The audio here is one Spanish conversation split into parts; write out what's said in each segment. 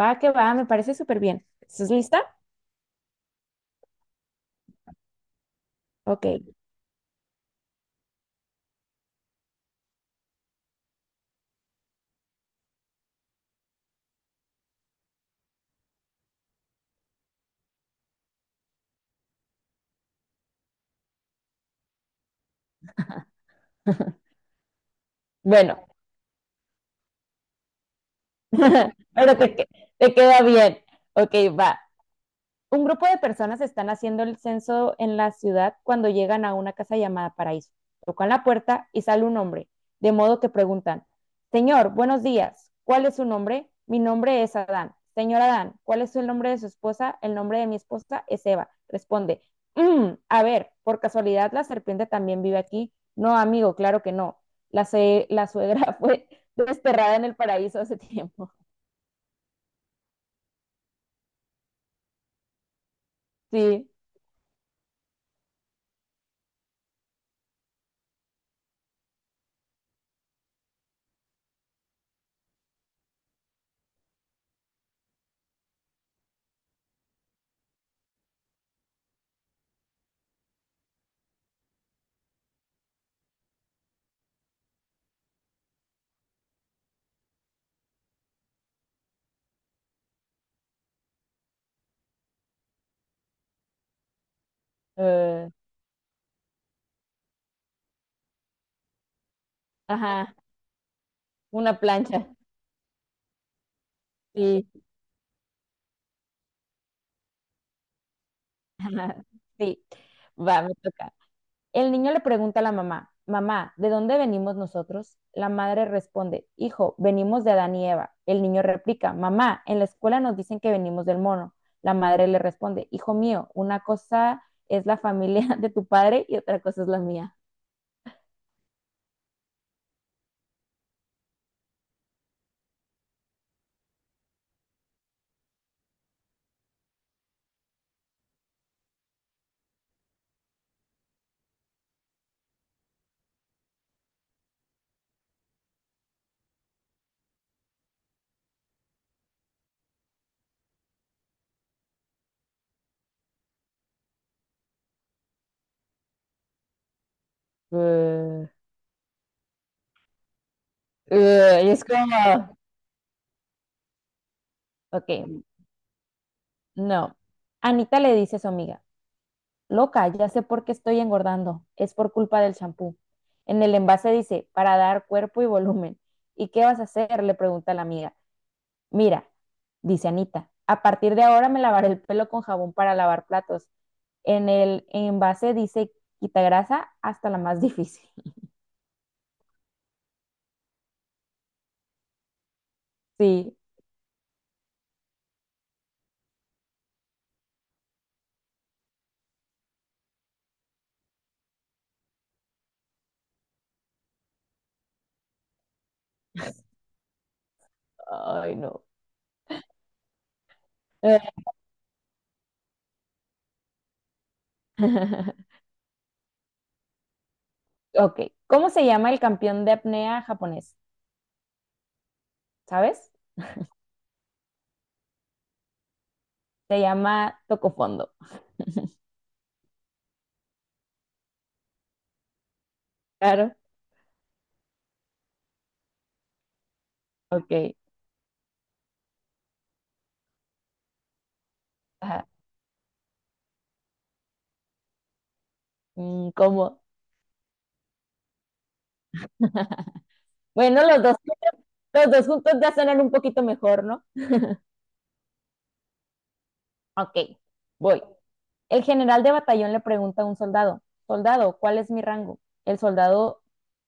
Va que va, me parece súper bien. ¿Estás lista? Ok, bueno, pero te queda bien. Ok, va. Un grupo de personas están haciendo el censo en la ciudad cuando llegan a una casa llamada Paraíso. Tocan la puerta y sale un hombre, de modo que preguntan, señor, buenos días, ¿cuál es su nombre? Mi nombre es Adán. Señor Adán, ¿cuál es el nombre de su esposa? El nombre de mi esposa es Eva. Responde, a ver, por casualidad la serpiente también vive aquí. No, amigo, claro que no. La suegra fue desterrada en el paraíso hace tiempo. Sí. uh, ajá, una plancha. Sí. Ajá, sí, va, me toca. El niño le pregunta a la mamá, mamá, ¿de dónde venimos nosotros? La madre responde, hijo, venimos de Adán y Eva. El niño replica, mamá, en la escuela nos dicen que venimos del mono. La madre le responde, hijo mío, una cosa es la familia de tu padre y otra cosa es la mía. Eh, y es como, ok, no. Anita le dice a su amiga, loca, ya sé por qué estoy engordando. Es por culpa del champú. En el envase dice, para dar cuerpo y volumen. ¿Y qué vas a hacer? Le pregunta la amiga. Mira, dice Anita, a partir de ahora me lavaré el pelo con jabón para lavar platos. En el envase dice, quita grasa hasta la más difícil. Sí, ay no. Ok, ¿cómo se llama el campeón de apnea japonés? ¿Sabes? Se llama Tocofondo. Claro. Ok. Ajá. Mm, ¿cómo? Bueno, los dos juntos ya suenan un poquito mejor, ¿no? Ok, voy. El general de batallón le pregunta a un soldado, soldado, ¿cuál es mi rango? El soldado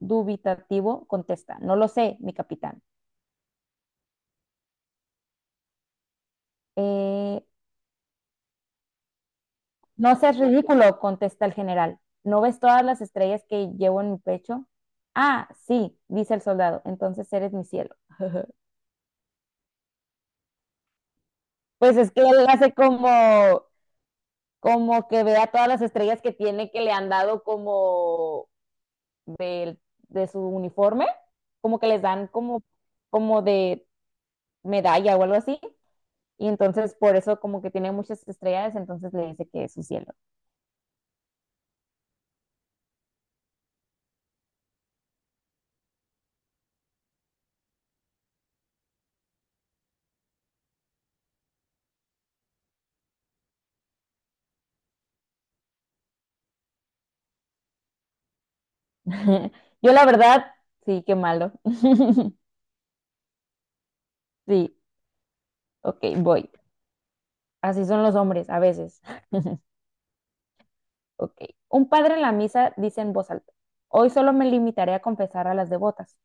dubitativo contesta, no lo sé, mi capitán. "Eh, no seas ridículo, contesta el general. ¿No ves todas las estrellas que llevo en mi pecho? Ah, sí, dice el soldado, entonces eres mi cielo. Pues es que él hace como, como que vea todas las estrellas que tiene que le han dado como de, de su uniforme, como que les dan como, como de medalla o algo así. Y entonces por eso como que tiene muchas estrellas, entonces le dice que es su cielo. Yo la verdad, sí, qué malo. Sí, ok, voy. Así son los hombres a veces. Ok. Un padre en la misa dice en voz alta, hoy solo me limitaré a confesar a las devotas.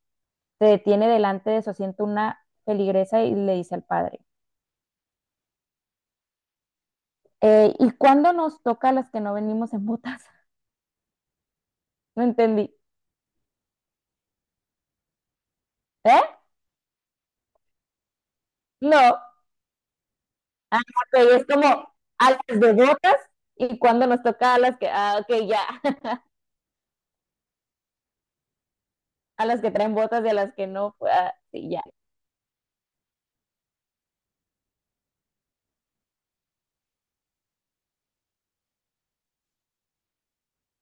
Se detiene delante de su asiento una feligresa y le dice al padre, ¿y cuándo nos toca a las que no venimos en botas? No entendí. ¿Eh? No. Ah, ok, es como a las de botas y cuándo nos toca a las que, ah, ok, ya, a las que traen botas y a las que no, pues, ah, sí, ya,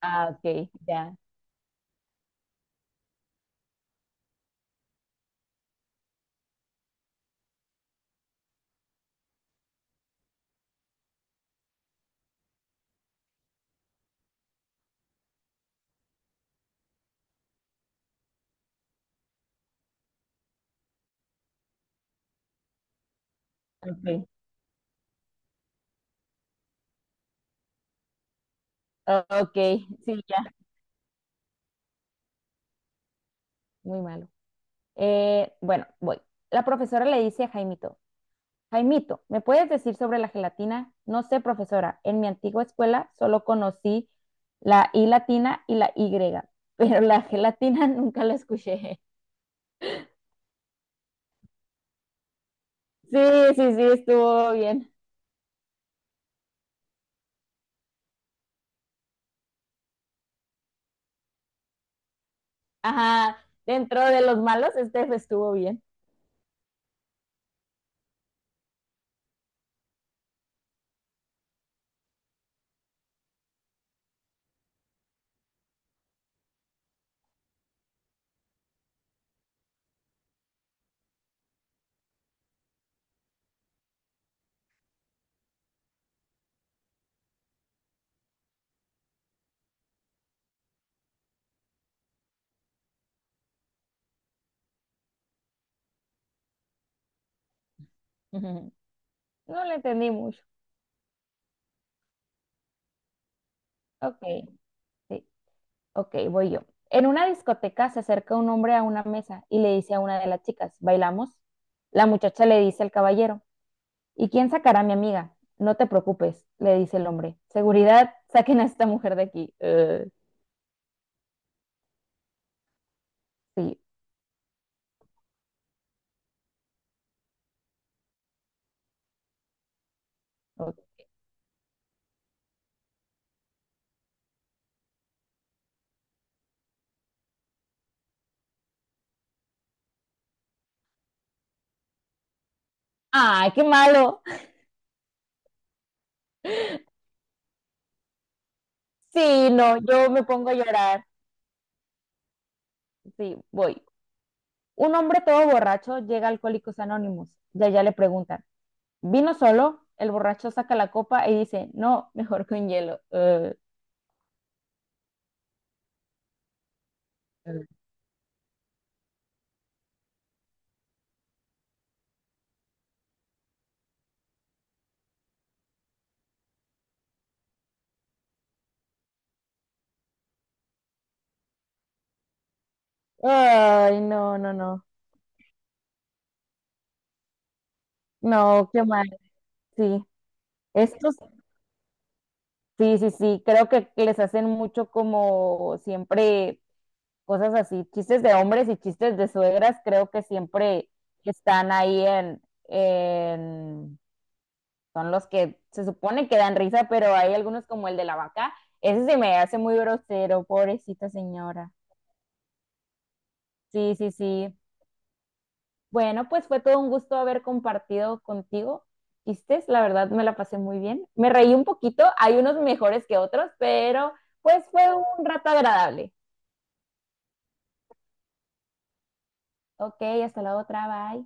ah, ok, ya, ok, ah, ok, sí, ya, muy malo. Bueno, voy. La profesora le dice a Jaimito, Jaimito, ¿me puedes decir sobre la gelatina? No sé, profesora. En mi antigua escuela solo conocí la I latina y la Y, pero la gelatina nunca la escuché. Sí, sí, sí, estuvo bien. Ajá, dentro de los malos, este estuvo bien. No le entendí mucho. Ok, sí, ok, voy yo. En una discoteca se acerca un hombre a una mesa y le dice a una de las chicas, ¿bailamos? La muchacha le dice al caballero, ¿y quién sacará a mi amiga? No te preocupes, le dice el hombre. Seguridad, saquen a esta mujer de aquí. Sí. Ok. ¡Ay, qué malo! Sí, no, yo me pongo a llorar. Sí, voy. Un hombre todo borracho llega a Alcohólicos Anónimos y allá le preguntan, ¿vino solo? El borracho saca la copa y dice, no, mejor con hielo. Eh. Ay, no, no, no. No, qué mal. Sí, estos, sí, sí, sí, creo que les hacen mucho como siempre cosas así, chistes de hombres y chistes de suegras, creo que siempre están ahí en- son los que se supone que dan risa, pero hay algunos como el de la vaca, ese se me hace muy grosero, pobrecita señora. Sí, sí, sí. Bueno, pues fue todo un gusto haber compartido contigo chistes, la verdad me la pasé muy bien. Me reí un poquito, hay unos mejores que otros, pero pues fue un rato agradable. Ok, hasta la otra, bye.